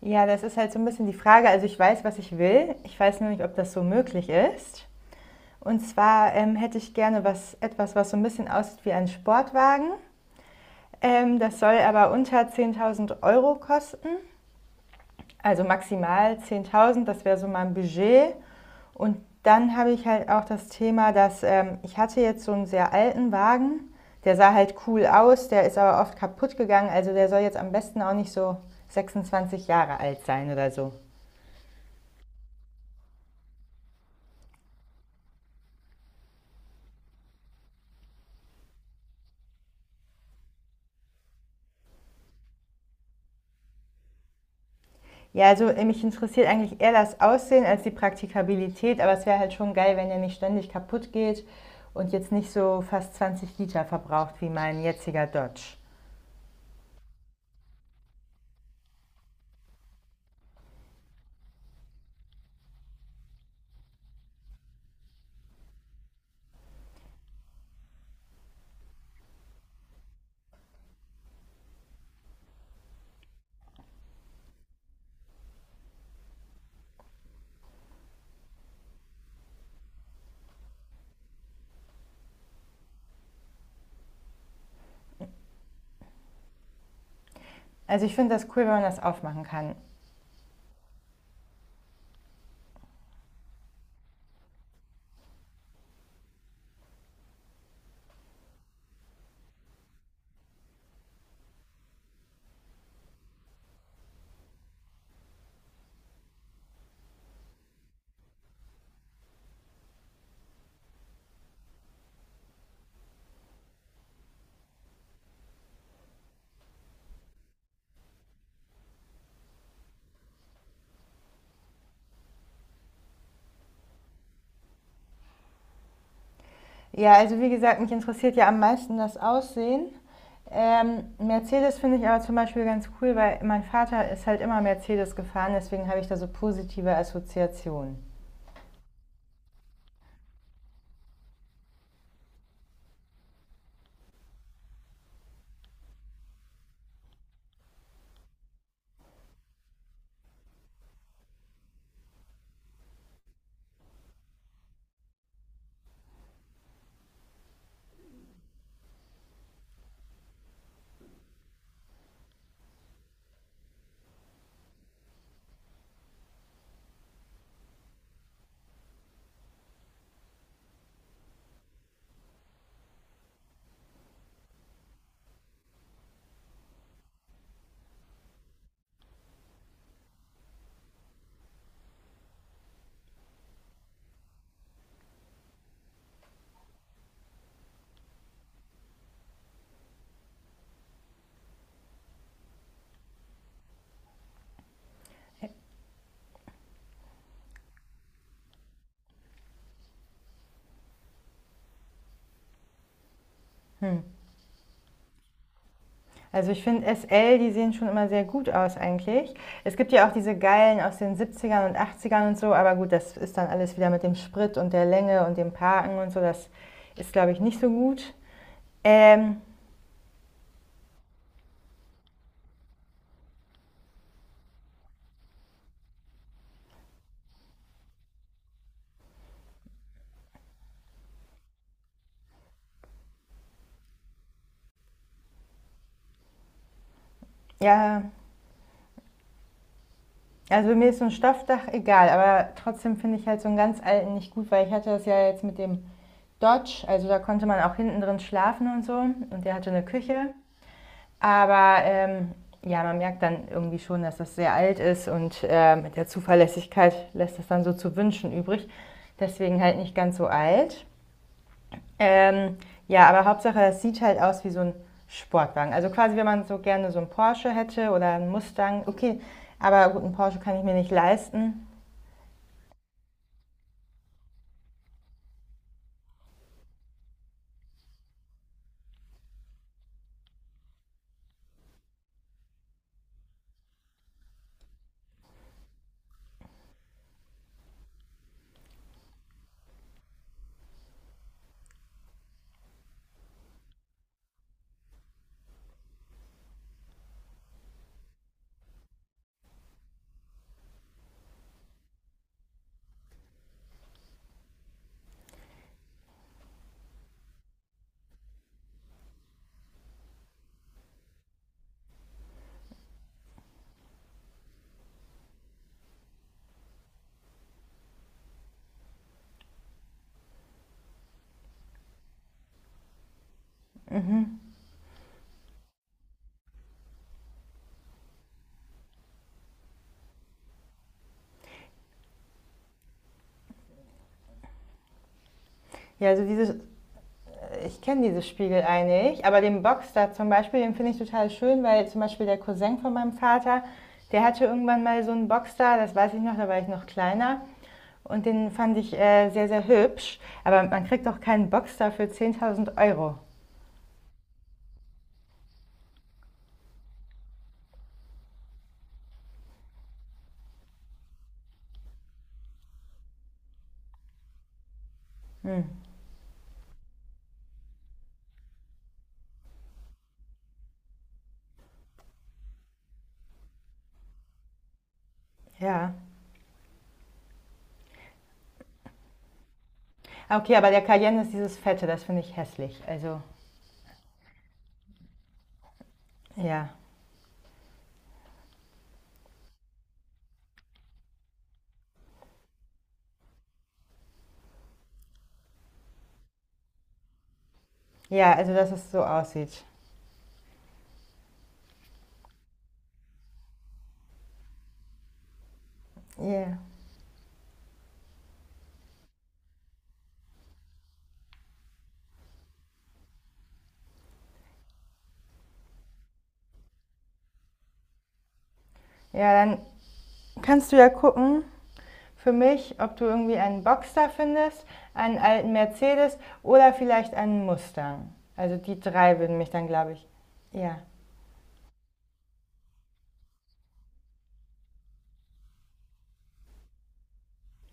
Ja, das ist halt so ein bisschen die Frage. Also ich weiß, was ich will. Ich weiß nur nicht, ob das so möglich ist. Und zwar hätte ich gerne was, etwas, was so ein bisschen aussieht wie ein Sportwagen. Das soll aber unter 10.000 Euro kosten. Also maximal 10.000. Das wäre so mein Budget. Und dann habe ich halt auch das Thema, dass ich hatte jetzt so einen sehr alten Wagen. Der sah halt cool aus, der ist aber oft kaputt gegangen. Also der soll jetzt am besten auch nicht so 26 Jahre alt sein oder so. Ja, also mich interessiert eigentlich eher das Aussehen als die Praktikabilität, aber es wäre halt schon geil, wenn der nicht ständig kaputt geht und jetzt nicht so fast 20 Liter verbraucht wie mein jetziger Dodge. Also ich finde das cool, wenn man das aufmachen kann. Ja, also wie gesagt, mich interessiert ja am meisten das Aussehen. Mercedes finde ich aber zum Beispiel ganz cool, weil mein Vater ist halt immer Mercedes gefahren, deswegen habe ich da so positive Assoziationen. Also ich finde SL, die sehen schon immer sehr gut aus eigentlich. Es gibt ja auch diese geilen aus den 70 und 80 und so, aber gut, das ist dann alles wieder mit dem Sprit und der Länge und dem Parken und so, das ist, glaube ich, nicht so gut. Ähm, ja, also mir ist so ein Stoffdach egal, aber trotzdem finde ich halt so einen ganz alten nicht gut, weil ich hatte das ja jetzt mit dem Dodge, also da konnte man auch hinten drin schlafen und so und der hatte eine Küche. Aber ja, man merkt dann irgendwie schon, dass das sehr alt ist und mit der Zuverlässigkeit lässt das dann so zu wünschen übrig. Deswegen halt nicht ganz so alt. Ähm, ja, aber Hauptsache, es sieht halt aus wie so ein Sportwagen. Also quasi, wenn man so gerne so einen Porsche hätte oder einen Mustang, okay, aber gut, einen Porsche kann ich mir nicht leisten. Ja, also dieses, ich kenne dieses Spiegelei nicht, aber den Boxster zum Beispiel, den finde ich total schön, weil zum Beispiel der Cousin von meinem Vater, der hatte irgendwann mal so einen Boxster, das weiß ich noch, da war ich noch kleiner. Und den fand ich sehr, sehr hübsch. Aber man kriegt doch keinen Boxster für 10.000 Euro. Hm, ja. Ah, okay, aber der Cayenne ist dieses Fette, das finde ich hässlich. Also, ja. Ja, also, dass es so aussieht. Ja. Ja, dann kannst du ja gucken, für mich, ob du irgendwie einen Boxster findest, einen alten Mercedes oder vielleicht einen Mustang. Also die drei würden mich dann, glaube ich, ja.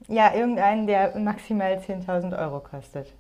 Ja, irgendeinen, der maximal 10.000 Euro kostet.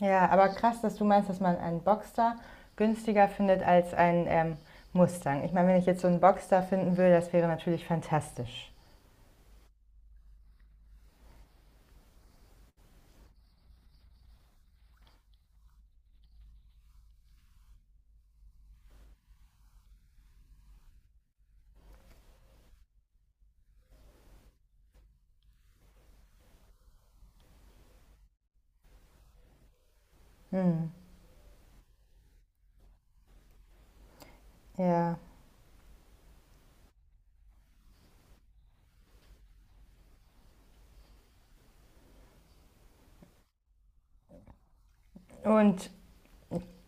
Ja, aber krass, dass du meinst, dass man einen Boxster günstiger findet als einen Mustang. Ich meine, wenn ich jetzt so einen Boxster finden würde, das wäre natürlich fantastisch. Hm, ja. Und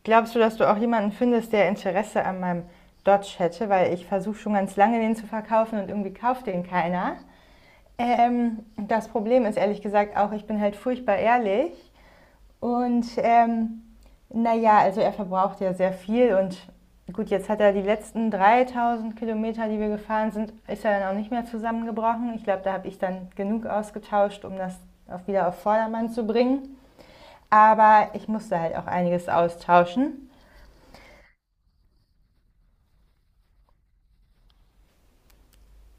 glaubst du, dass du auch jemanden findest, der Interesse an meinem Dodge hätte? Weil ich versuche schon ganz lange, den zu verkaufen und irgendwie kauft den keiner. Das Problem ist ehrlich gesagt auch, ich bin halt furchtbar ehrlich. Und naja, also er verbraucht ja sehr viel und gut, jetzt hat er die letzten 3.000 Kilometer, die wir gefahren sind, ist er dann auch nicht mehr zusammengebrochen. Ich glaube, da habe ich dann genug ausgetauscht, um das auf, wieder auf Vordermann zu bringen. Aber ich musste halt auch einiges austauschen.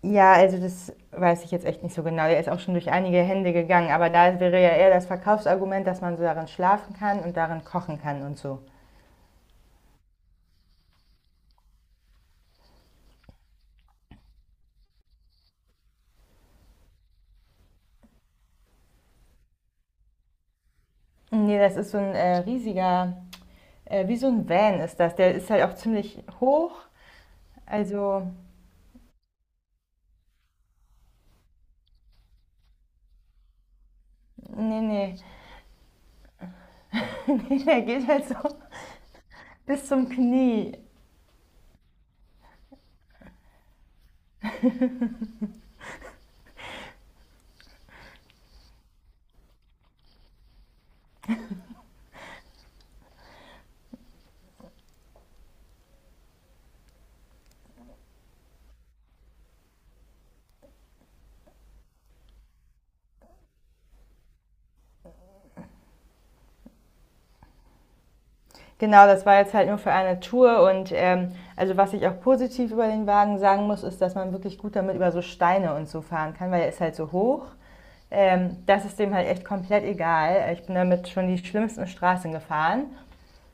Ja, also das weiß ich jetzt echt nicht so genau. Der ist auch schon durch einige Hände gegangen, aber da wäre ja eher das Verkaufsargument, dass man so darin schlafen kann und darin kochen kann und so. Nee, das ist so ein riesiger, wie so ein Van ist das. Der ist halt auch ziemlich hoch. Also, nee, nee, der geht halt so bis zum Knie. Genau, das war jetzt halt nur für eine Tour und also was ich auch positiv über den Wagen sagen muss, ist, dass man wirklich gut damit über so Steine und so fahren kann, weil er ist halt so hoch. Das ist dem halt echt komplett egal. Ich bin damit schon die schlimmsten Straßen gefahren.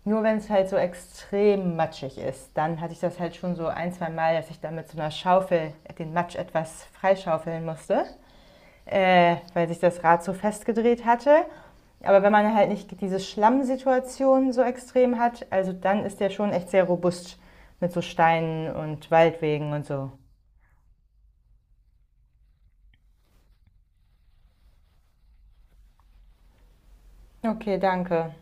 Nur wenn es halt so extrem matschig ist, dann hatte ich das halt schon so ein, zwei Mal, dass ich damit mit so einer Schaufel den Matsch etwas freischaufeln musste, weil sich das Rad so festgedreht hatte. Aber wenn man halt nicht diese Schlammsituation so extrem hat, also dann ist der schon echt sehr robust mit so Steinen und Waldwegen und so. Okay, danke.